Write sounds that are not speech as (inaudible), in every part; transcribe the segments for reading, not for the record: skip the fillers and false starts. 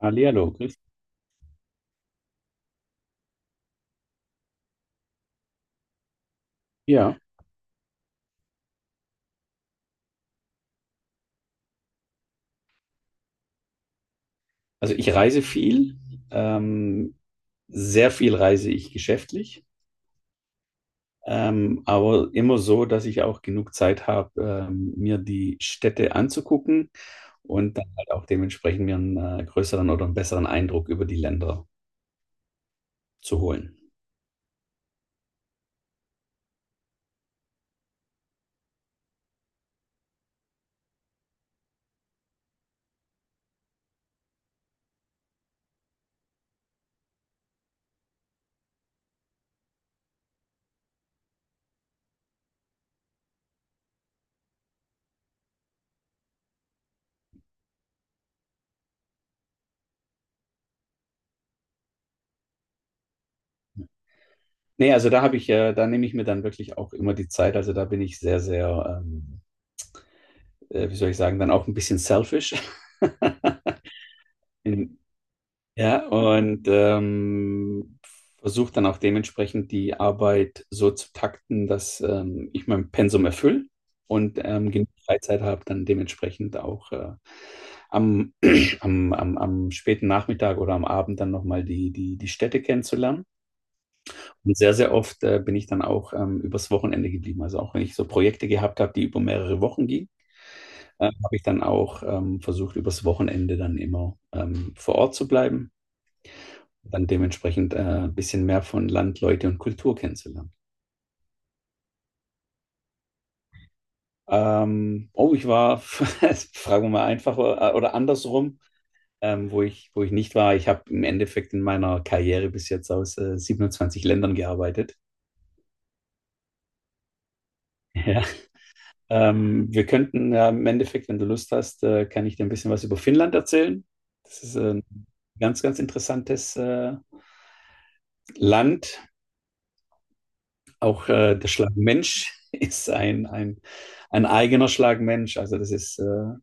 Hallihallo, Chris. Ja, also ich reise viel, ähm, sehr viel reise ich geschäftlich, aber immer so, dass ich auch genug Zeit habe, mir die Städte anzugucken und dann halt auch dementsprechend mir einen größeren oder einen besseren Eindruck über die Länder zu holen. Nee, also da nehme ich mir dann wirklich auch immer die Zeit. Also da bin ich sehr, sehr, wie soll ich sagen, dann auch ein bisschen selfish. (laughs) In, Ja, und versuche dann auch dementsprechend die Arbeit so zu takten, dass ich mein Pensum erfülle und genug Freizeit habe, dann dementsprechend auch am, (clears throat) am späten Nachmittag oder am Abend dann nochmal die Städte kennenzulernen. Und sehr, sehr oft bin ich dann auch übers Wochenende geblieben. Also auch wenn ich so Projekte gehabt habe, die über mehrere Wochen gingen, habe ich dann auch versucht, übers Wochenende dann immer vor Ort zu bleiben dann dementsprechend ein bisschen mehr von Land, Leute und Kultur kennenzulernen. Oh, (laughs) fragen wir mal einfach oder andersrum, wo ich nicht war. Ich habe im Endeffekt in meiner Karriere bis jetzt aus 27 Ländern gearbeitet. (laughs) Ja. Wir könnten ja im Endeffekt, wenn du Lust hast, kann ich dir ein bisschen was über Finnland erzählen. Das ist ein ganz, ganz interessantes Land. Auch der Schlagmensch (laughs) ist ein eigener Schlagmensch. Also das ist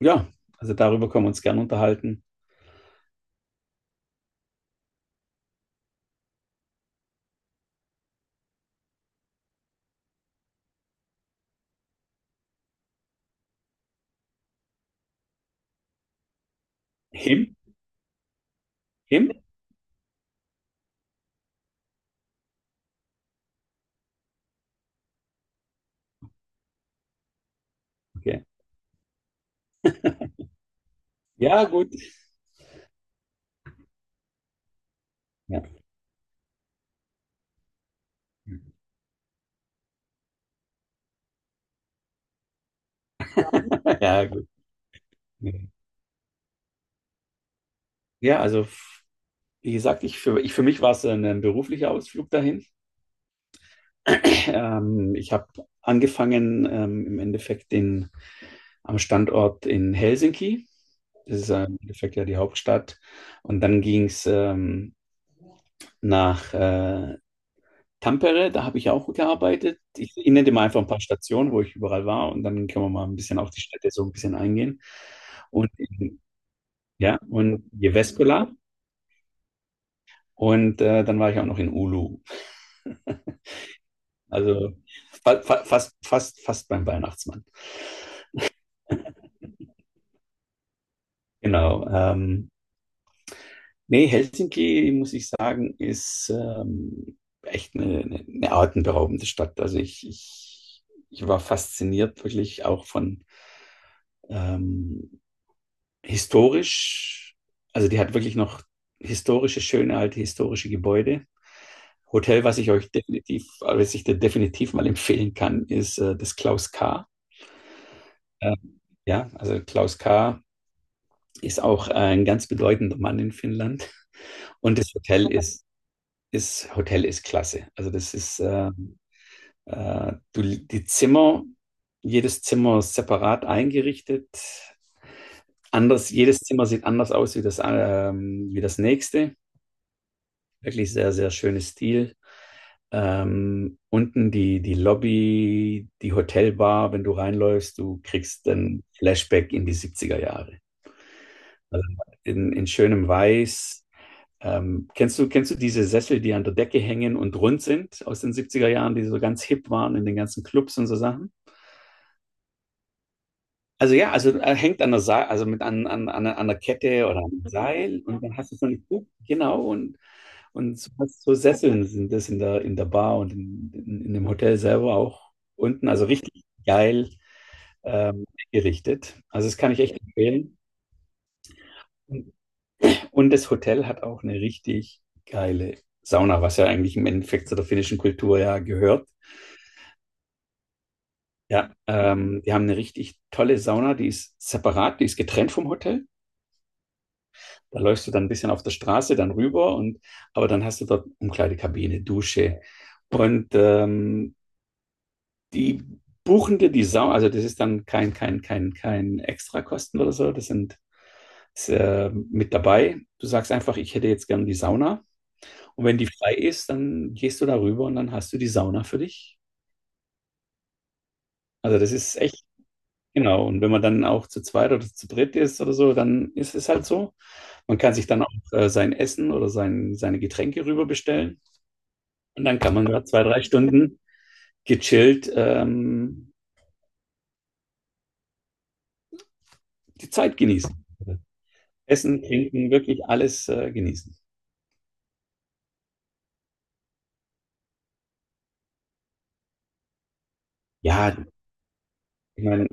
Ja, also darüber können wir uns gern unterhalten. Him? Him? Okay. Ja, gut. Ja, (laughs) ja gut. Ja, also wie gesagt, für mich war es ein beruflicher Ausflug dahin. Ich habe angefangen im Endeffekt am Standort in Helsinki. Das ist im Endeffekt ja die Hauptstadt. Und dann ging es nach Tampere, da habe ich ja auch gearbeitet. Ich nenne dir mal einfach ein paar Stationen, wo ich überall war und dann können wir mal ein bisschen auf die Städte so ein bisschen eingehen. Und in, ja, und Jyväskylä und dann war ich auch noch in Oulu. Also fast beim Weihnachtsmann. Genau. Nee, Helsinki, muss ich sagen, ist echt eine atemberaubende Stadt. Also ich war fasziniert wirklich auch von, ähm, historisch, also die hat wirklich noch historische, schöne alte historische Gebäude. Hotel, was ich dir definitiv mal empfehlen kann, ist das Klaus K. Äh, ja, also Klaus K. ist auch ein ganz bedeutender Mann in Finnland. Und das Hotel ist klasse. Also die Zimmer, jedes Zimmer separat eingerichtet. Anders, jedes Zimmer sieht anders aus wie das nächste. Wirklich sehr, sehr schönes Stil. Unten die Lobby, die Hotelbar, wenn du reinläufst, du kriegst dann Flashback in die 70er Jahre. Also in schönem Weiß. Kennst du diese Sessel, die an der Decke hängen und rund sind aus den 70er Jahren, die so ganz hip waren in den ganzen Clubs und so Sachen? Also ja, also hängt an der Seil, also mit an der Kette oder am Seil und dann hast du so eine Kugel, genau, und so, hast so Sesseln sind das in der Bar und in dem Hotel selber auch unten, also richtig geil ähm, gerichtet. Also das kann ich echt empfehlen. Und das Hotel hat auch eine richtig geile Sauna, was ja eigentlich im Endeffekt zu der finnischen Kultur ja gehört. Ja, die haben eine richtig tolle Sauna, die ist separat, die ist getrennt vom Hotel. Da läufst du dann ein bisschen auf der Straße dann rüber und aber dann hast du dort Umkleidekabine, Dusche und die buchen dir die Sauna, also das ist dann kein Extrakosten oder so, das sind ist, mit dabei. Du sagst einfach, ich hätte jetzt gern die Sauna und wenn die frei ist, dann gehst du da rüber und dann hast du die Sauna für dich. Also das ist echt genau und wenn man dann auch zu zweit oder zu dritt ist oder so, dann ist es halt so. Man kann sich dann auch sein Essen oder seine Getränke rüber bestellen. Und dann kann man da 2, 3 Stunden gechillt die Zeit genießen. Essen, trinken, wirklich alles genießen. Ja, ich meine,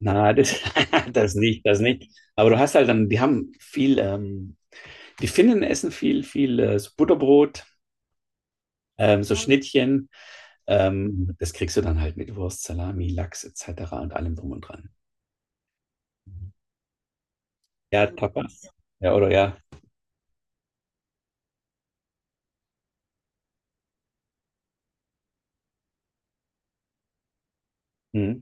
na, (laughs) das nicht, das nicht. Aber du hast halt dann, die Finnen essen viel, viel so Butterbrot, so Schnittchen. Das kriegst du dann halt mit Wurst, Salami, Lachs etc. und allem drum und dran. Ja, Tapas. Ja, oder ja. Hm,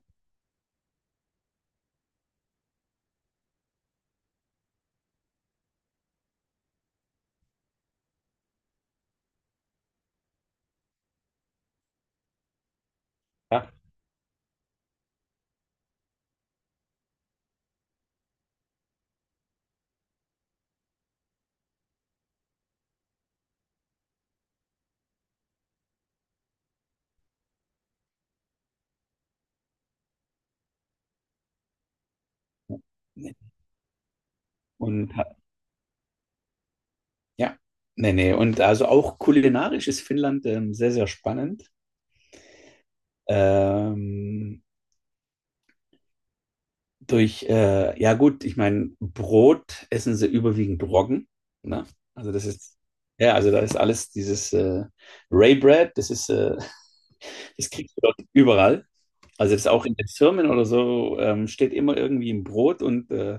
ja. Und Ja, nee, nee. Und also auch kulinarisch ist Finnland sehr, sehr spannend. Ähm, ja gut, ich meine, Brot essen sie überwiegend Roggen. Ne? Also ja, also da ist alles dieses Ray Bread, (laughs) das kriegst du dort überall. Also das ist auch in den Firmen oder so, steht immer irgendwie ein Brot und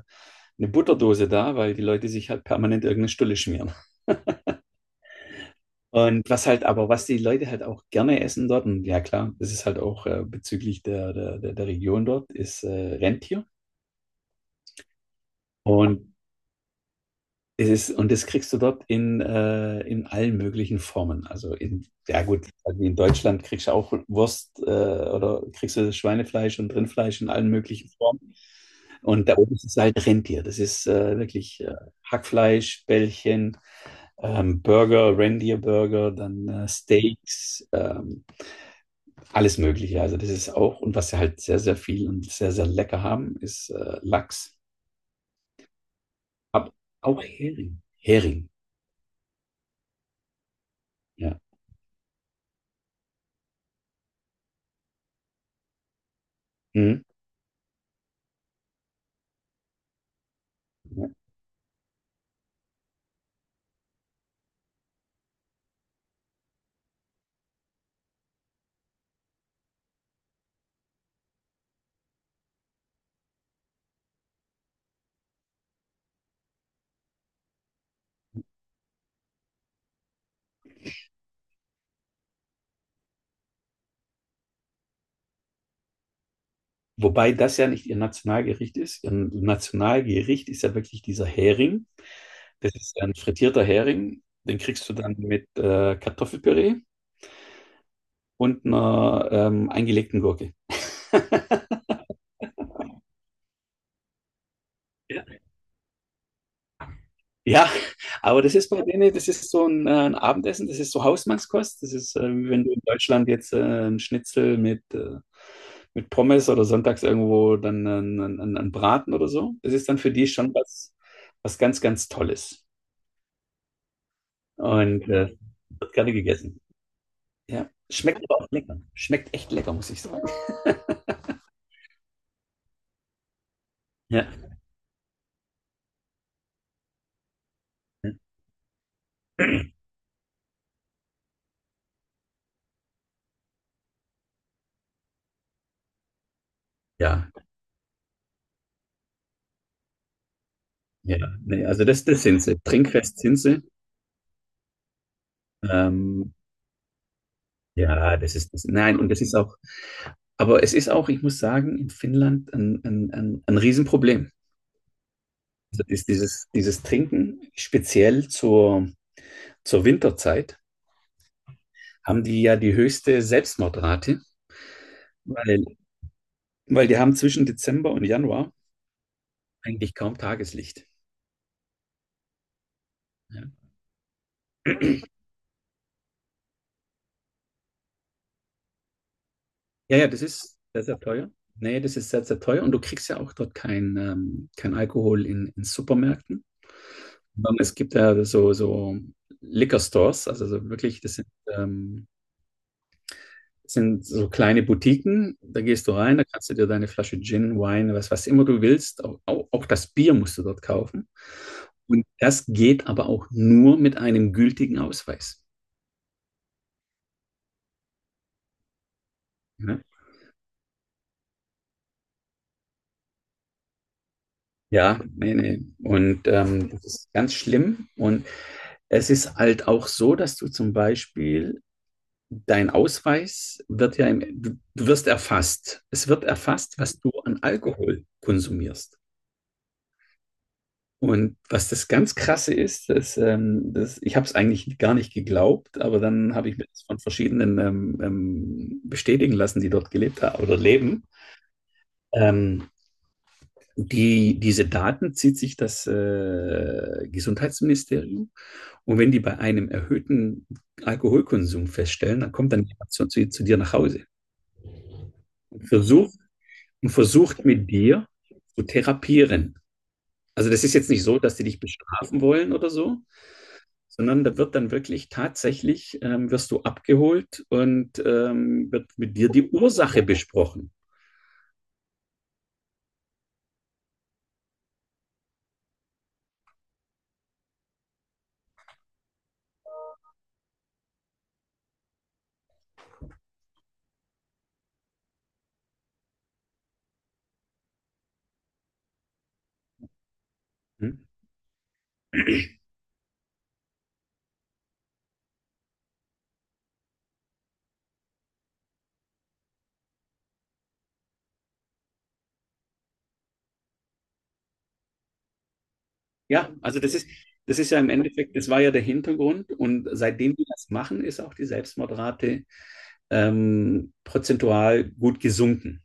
eine Butterdose da, weil die Leute sich halt permanent irgendeine Stulle schmieren. Was die Leute halt auch gerne essen dort, und ja klar, das ist halt auch bezüglich der Region dort, ist Rentier. Und und das kriegst du dort in allen möglichen Formen. Also ja gut, also in Deutschland kriegst du auch Wurst oder kriegst du Schweinefleisch und Rindfleisch in allen möglichen Formen. Und da oben ist es halt Rentier. Das ist wirklich Hackfleisch, Bällchen, Burger, Rentierburger, dann Steaks. Alles Mögliche. Also das ist auch, und was sie halt sehr, sehr viel und sehr, sehr lecker haben, ist Lachs. Aber auch Hering. Hering, ja. Mhm. Ja. Wobei das ja nicht ihr Nationalgericht ist. Ihr Nationalgericht ist ja wirklich dieser Hering. Das ist ein frittierter Hering. Den kriegst du dann mit Kartoffelpüree und einer eingelegten Gurke. Ja. Ja, aber das ist bei denen, das ist so ein Abendessen, das ist so Hausmannskost. Das ist, wie wenn du in Deutschland jetzt ein Schnitzel mit Pommes oder sonntags irgendwo dann einen Braten oder so. Das ist dann für die schon was, was ganz, ganz Tolles. Und wird gerne gegessen. Ja. Schmeckt aber auch lecker. Schmeckt echt lecker, muss ich sagen. Ja, (clears throat) ja, ja. Nee, also das sind sie. Trinkfest sind sie. Ähm, ja, das ist das. Nein, und das ist auch. Aber es ist auch, ich muss sagen, in Finnland ein Riesenproblem. Das ist dieses Trinken, speziell zur Winterzeit, haben die ja die höchste Selbstmordrate, weil, weil die haben zwischen Dezember und Januar eigentlich kaum Tageslicht. Ja, ja, ja, das ist sehr, sehr teuer. Nee, das ist sehr, sehr teuer und du kriegst ja auch dort kein Alkohol in Supermärkten. Sondern es gibt ja so Liquor Stores, also so wirklich, das sind so kleine Boutiquen, da gehst du rein, da kannst du dir deine Flasche Gin, Wein, was immer du willst, auch das Bier musst du dort kaufen. Und das geht aber auch nur mit einem gültigen Ausweis. Ne? Ja, nee, nee. Und das ist ganz schlimm. Und es ist halt auch so, dass du zum Beispiel dein Ausweis wird ja, du wirst erfasst. Es wird erfasst, was du an Alkohol konsumierst. Und was das ganz Krasse ist, dass ich habe es eigentlich gar nicht geglaubt, aber dann habe ich mir das von verschiedenen bestätigen lassen, die dort gelebt haben oder leben. Ähm, diese Daten zieht sich das Gesundheitsministerium und wenn die bei einem erhöhten Alkoholkonsum feststellen, dann kommt dann jemand zu dir nach Hause und versucht, mit dir zu therapieren. Also das ist jetzt nicht so, dass die dich bestrafen wollen oder so, sondern da wird dann wirklich tatsächlich, wirst du abgeholt und wird mit dir die Ursache besprochen. Hm? Ja, also das ist ja im Endeffekt, das war ja der Hintergrund und seitdem wir das machen, ist auch die Selbstmordrate prozentual gut gesunken,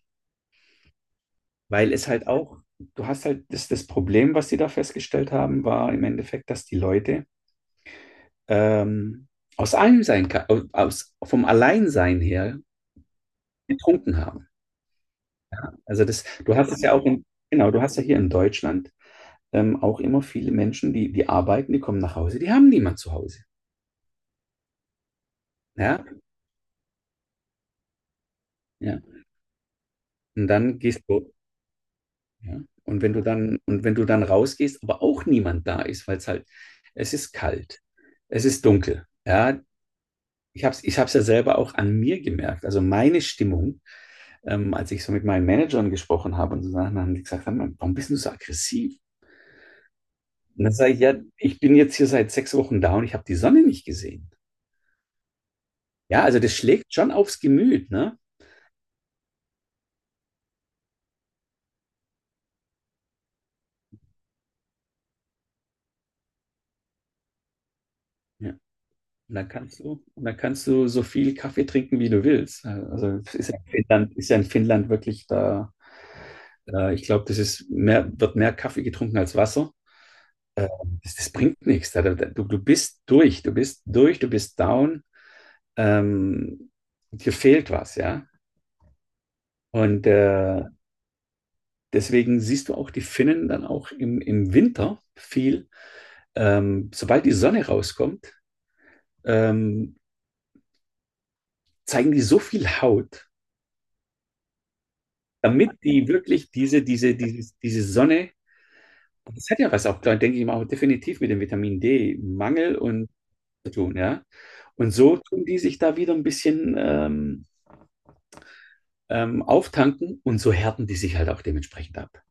weil es halt auch, du hast halt, das Problem, was sie da festgestellt haben, war im Endeffekt, dass die Leute ähm, aus allem sein, aus, vom Alleinsein her getrunken haben. Also das, du hast es ja auch in, genau, du hast ja hier in Deutschland auch immer viele Menschen, die arbeiten, die kommen nach Hause, die haben niemand zu Hause. Ja, ja. Und dann gehst du, ja. Und wenn du dann rausgehst, aber auch niemand da ist, weil es halt, es ist kalt, es ist dunkel. Ja, ich habe es ich hab's ja selber auch an mir gemerkt. Also meine Stimmung, als ich so mit meinen Managern gesprochen habe und so Sachen, dann haben die gesagt, warum bist du so aggressiv? Und dann sage ich, ja, ich bin jetzt hier seit 6 Wochen da und ich habe die Sonne nicht gesehen. Ja, also das schlägt schon aufs Gemüt, ne? Ja. Und dann kannst du so viel Kaffee trinken, wie du willst. Also es ist ja in Finnland wirklich da. Ich glaube, wird mehr Kaffee getrunken als Wasser. Äh, das bringt nichts. Du bist durch, du bist down. Ähm, dir fehlt was, ja. Und deswegen siehst du auch die Finnen dann auch im Winter viel. Sobald die Sonne rauskommt, ähm, zeigen die so viel Haut, damit die wirklich diese Sonne, das hat ja was auch, da denke ich mal, auch definitiv mit dem Vitamin D-Mangel und zu tun, ja. Und so tun die sich da wieder ein bisschen auftanken und so härten die sich halt auch dementsprechend ab.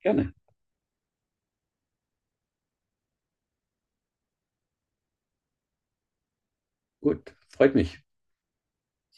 Gerne. Gut. Freut mich.